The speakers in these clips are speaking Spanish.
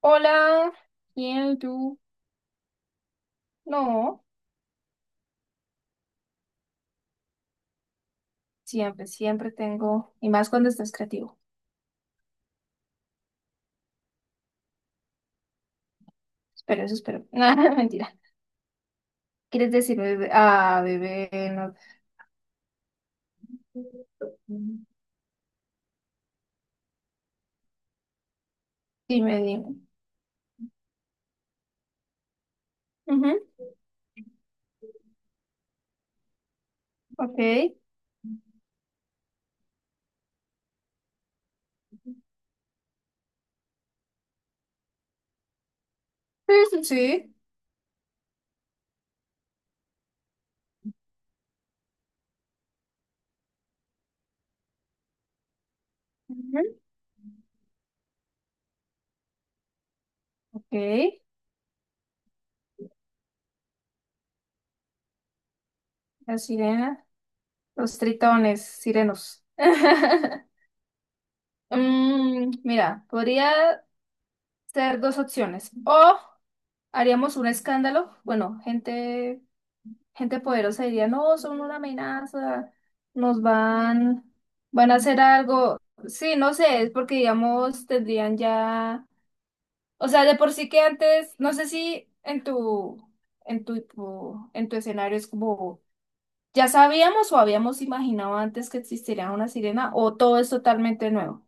Hola, bien, ¿y tú? No, siempre, siempre tengo, y más cuando estás creativo. Pero eso espero. Nada, mentira. ¿Quieres decir bebé? Ah, bebé, no. Dime, dime. Ujú, ok. Sí, sí, sí. Ujú, ok. La sirena. Los tritones, sirenos. Mira, podría ser dos opciones. O haríamos un escándalo. Bueno, gente. Gente poderosa diría, no, son una amenaza, nos van, van a hacer algo. Sí, no sé, es porque, digamos, tendrían ya, o sea, de por sí que antes, no sé si en tu, en tu escenario es como, ya sabíamos o habíamos imaginado antes que existiría una sirena o todo es totalmente nuevo.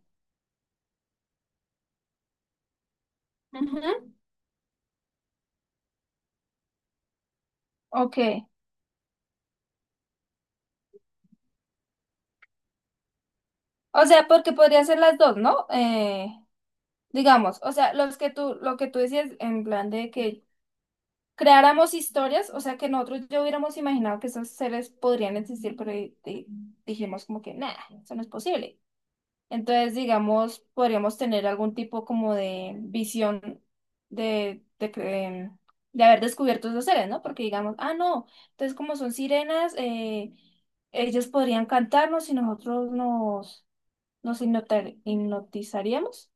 Ujú. Ok. O sea, porque podría ser las dos, ¿no? Digamos, o sea, lo que tú decías en plan de que creáramos historias, o sea, que nosotros ya hubiéramos imaginado que esos seres podrían existir, pero dijimos como que, nada, eso no es posible. Entonces, digamos, podríamos tener algún tipo como de visión de de haber descubierto esos seres, ¿no? Porque digamos, ah, no, entonces como son sirenas, ellos podrían cantarnos y nos hipnotizaríamos.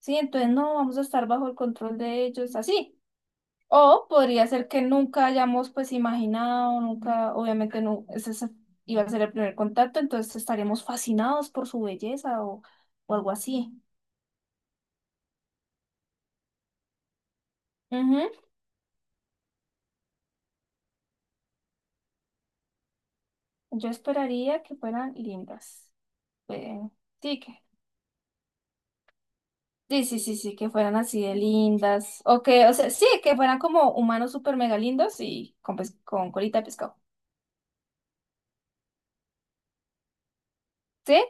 Sí, entonces no vamos a estar bajo el control de ellos, así. O podría ser que nunca hayamos pues imaginado, nunca, obviamente no, iba a ser el primer contacto, entonces estaríamos fascinados por su belleza o algo así. Ujú. Yo esperaría que fueran lindas. Eh, sí, que, sí, sí, sí, sí, que fueran así de lindas. O que, o sea, sí, que fueran como humanos súper mega lindos y con, con colita de pescado. ¿Sí?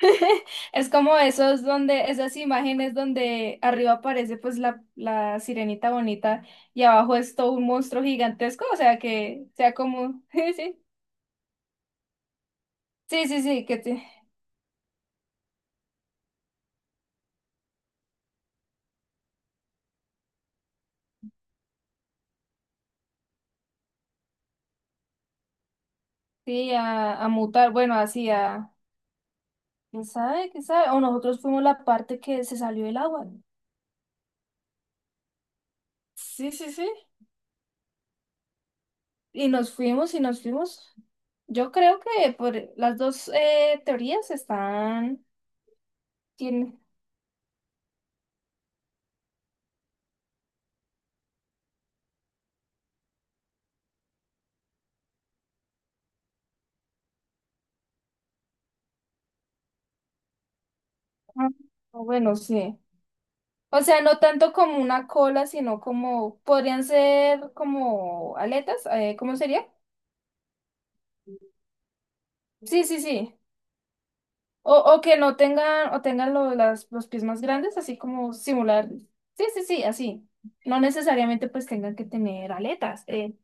Es como esos donde, esas imágenes donde arriba aparece pues la sirenita bonita y abajo es todo un monstruo gigantesco, o sea que sea como, sí, sí, sí, sí, sí, sí, a mutar, bueno, así a, ¿quién sabe? ¿Quién sabe? O nosotros fuimos la parte que se salió del agua. Sí, sí, sí. Y nos fuimos y nos fuimos. Yo creo que por las dos teorías están, tienen, ah, bueno, sí. O sea, no tanto como una cola, sino como, podrían ser como aletas, ¿cómo sería? Sí, sí, sí. O que no tengan, o tengan los pies más grandes, así como simular. Sí, sí, sí, así. No necesariamente pues tengan que tener aletas.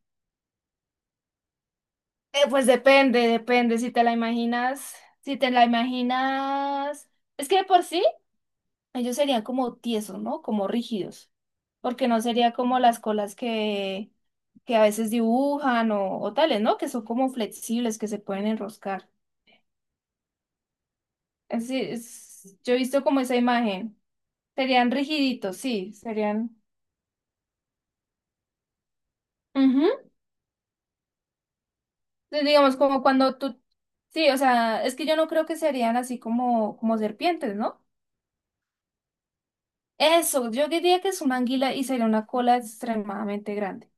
Pues depende, depende, si te la imaginas, si te la imaginas. Es que de por sí ellos serían como tiesos, ¿no? Como rígidos, porque no sería como las colas que a veces dibujan o tales, ¿no? Que son como flexibles, que se pueden enroscar. Yo he visto como esa imagen. Serían rigiditos, sí, serían... Ujú. Entonces, digamos, como cuando tú... Sí, o sea, es que yo no creo que serían así como, como serpientes, ¿no? Eso, yo diría que es una anguila y sería una cola extremadamente grande.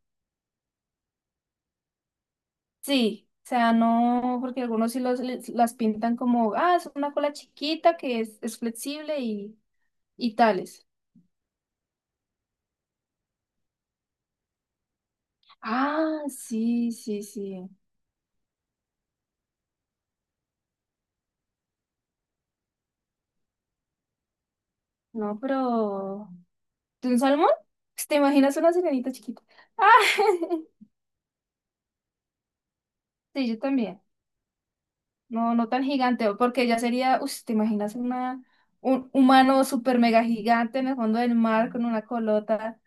Sí, o sea, no, porque algunos sí las pintan como, ah, es una cola chiquita es flexible y tales. Ah, sí, sí, sí. No, pero... ¿De un salmón? Pues, ¿te imaginas una sirenita chiquita? Ah, sí, yo también. No, no tan gigante, porque ya sería, uff, un humano super mega gigante en el fondo del mar con una colota?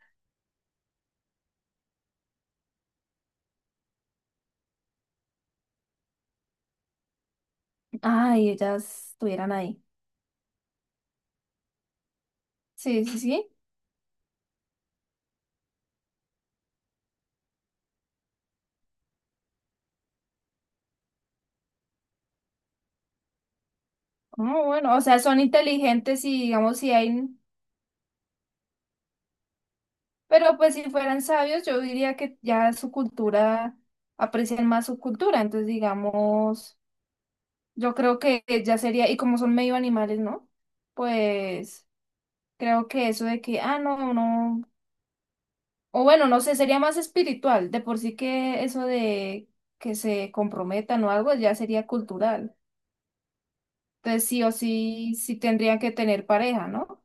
Ay, ellas estuvieran ahí. Sí, sí, sí. Ah, bueno, o sea, son inteligentes y digamos si hay, pero pues si fueran sabios, yo diría que ya su cultura, aprecian más su cultura, entonces digamos, yo creo que ya sería, y como son medio animales, ¿no? Pues creo que eso de que, ah, no, no, o bueno, no sé, sería más espiritual, de por sí que eso de que se comprometan o algo ya sería cultural, entonces sí o sí, sí tendrían que tener pareja, ¿no?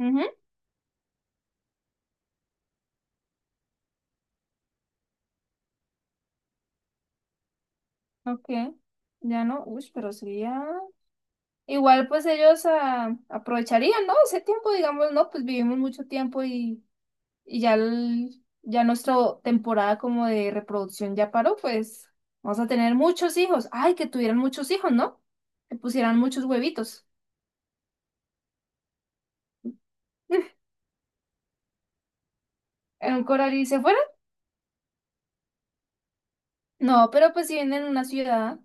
Ujú, ok. Ya no, uy, pero sería. Igual pues ellos aprovecharían, ¿no? Ese tiempo, digamos, ¿no? Pues vivimos mucho tiempo y ya, ya nuestra temporada como de reproducción ya paró, pues vamos a tener muchos hijos. Ay, que tuvieran muchos hijos, ¿no? Que pusieran muchos huevitos en un coral y se fueran. No, pero pues si vienen a una ciudad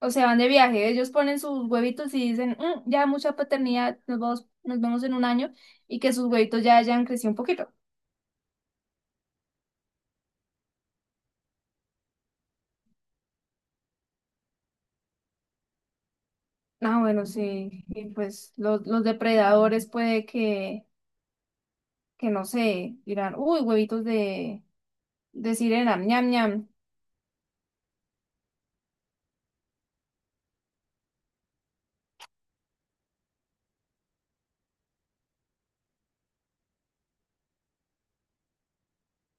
o se van de viaje, ellos ponen sus huevitos y dicen, "Mm, ya mucha paternidad, nos vamos, nos vemos en un año y que sus huevitos ya hayan crecido un poquito". Ah, bueno, sí. Y pues los depredadores puede que no sé, dirán, uy, huevitos de sirena, ñam, ñam.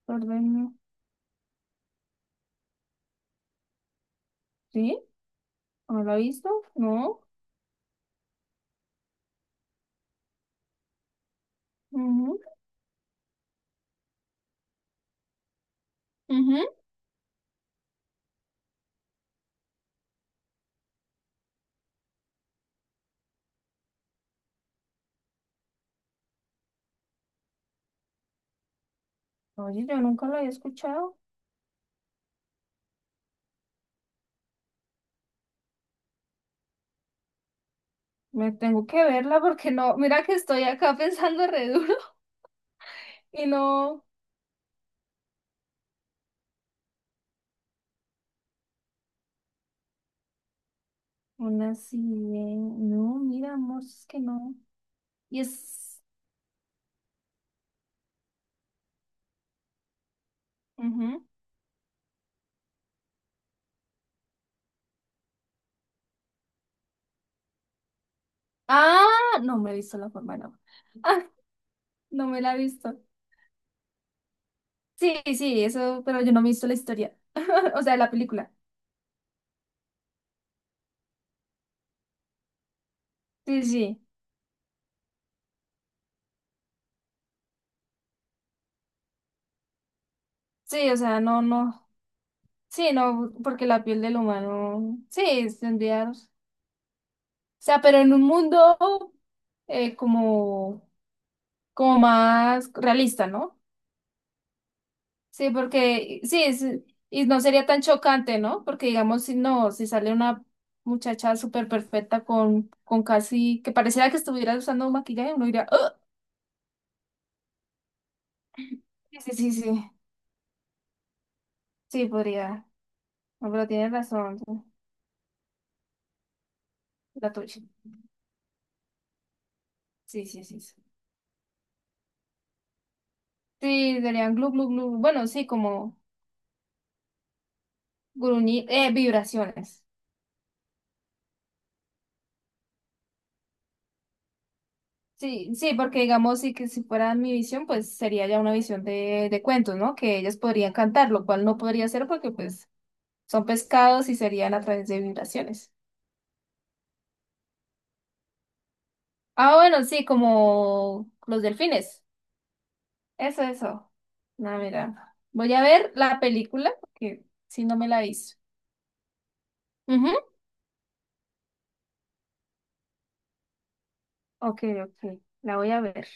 Perdón, ¿sí? ¿No lo ha visto? No. Ujú, ujú. Oye, yo nunca la había escuchado. Me tengo que verla porque no, mira que estoy acá pensando re duro y no. Una sirena. No, mira, amor, es que no. Y es. Ujú. Ah, no me he visto la forma, no. Ah, no me la he visto. Sí, sí, eso, pero yo no me he visto la historia, o sea, la película. Sí, sí, sí, o sea, no, no, sí, no, porque la piel del humano, sí, tendría, o sea, pero en un mundo eh, como, como más realista, ¿no? Sí, porque, y no sería tan chocante, ¿no? Porque digamos, si no, si sale una muchacha súper perfecta con casi, que pareciera que estuviera usando un maquillaje, uno diría, "Ugh". Sí, sí, sí, sí, sí, podría, no, pero tiene razón. La tuya. Sí, sí, sí. Sí, sí, serían glu, glu, glu. Bueno, sí, como gruñi, vibraciones. Sí, sí, porque digamos, sí que si fuera mi visión, pues sería ya una visión de cuentos, ¿no? Que ellas podrían cantar, lo cual no podría ser porque pues son pescados y serían a través de vibraciones. Ah, bueno, sí, como los delfines. Eso, eso. No, mira. Voy a ver la película, porque si no me la hizo. Ujú. Ok, ok. La voy a ver.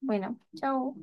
Bueno, chao.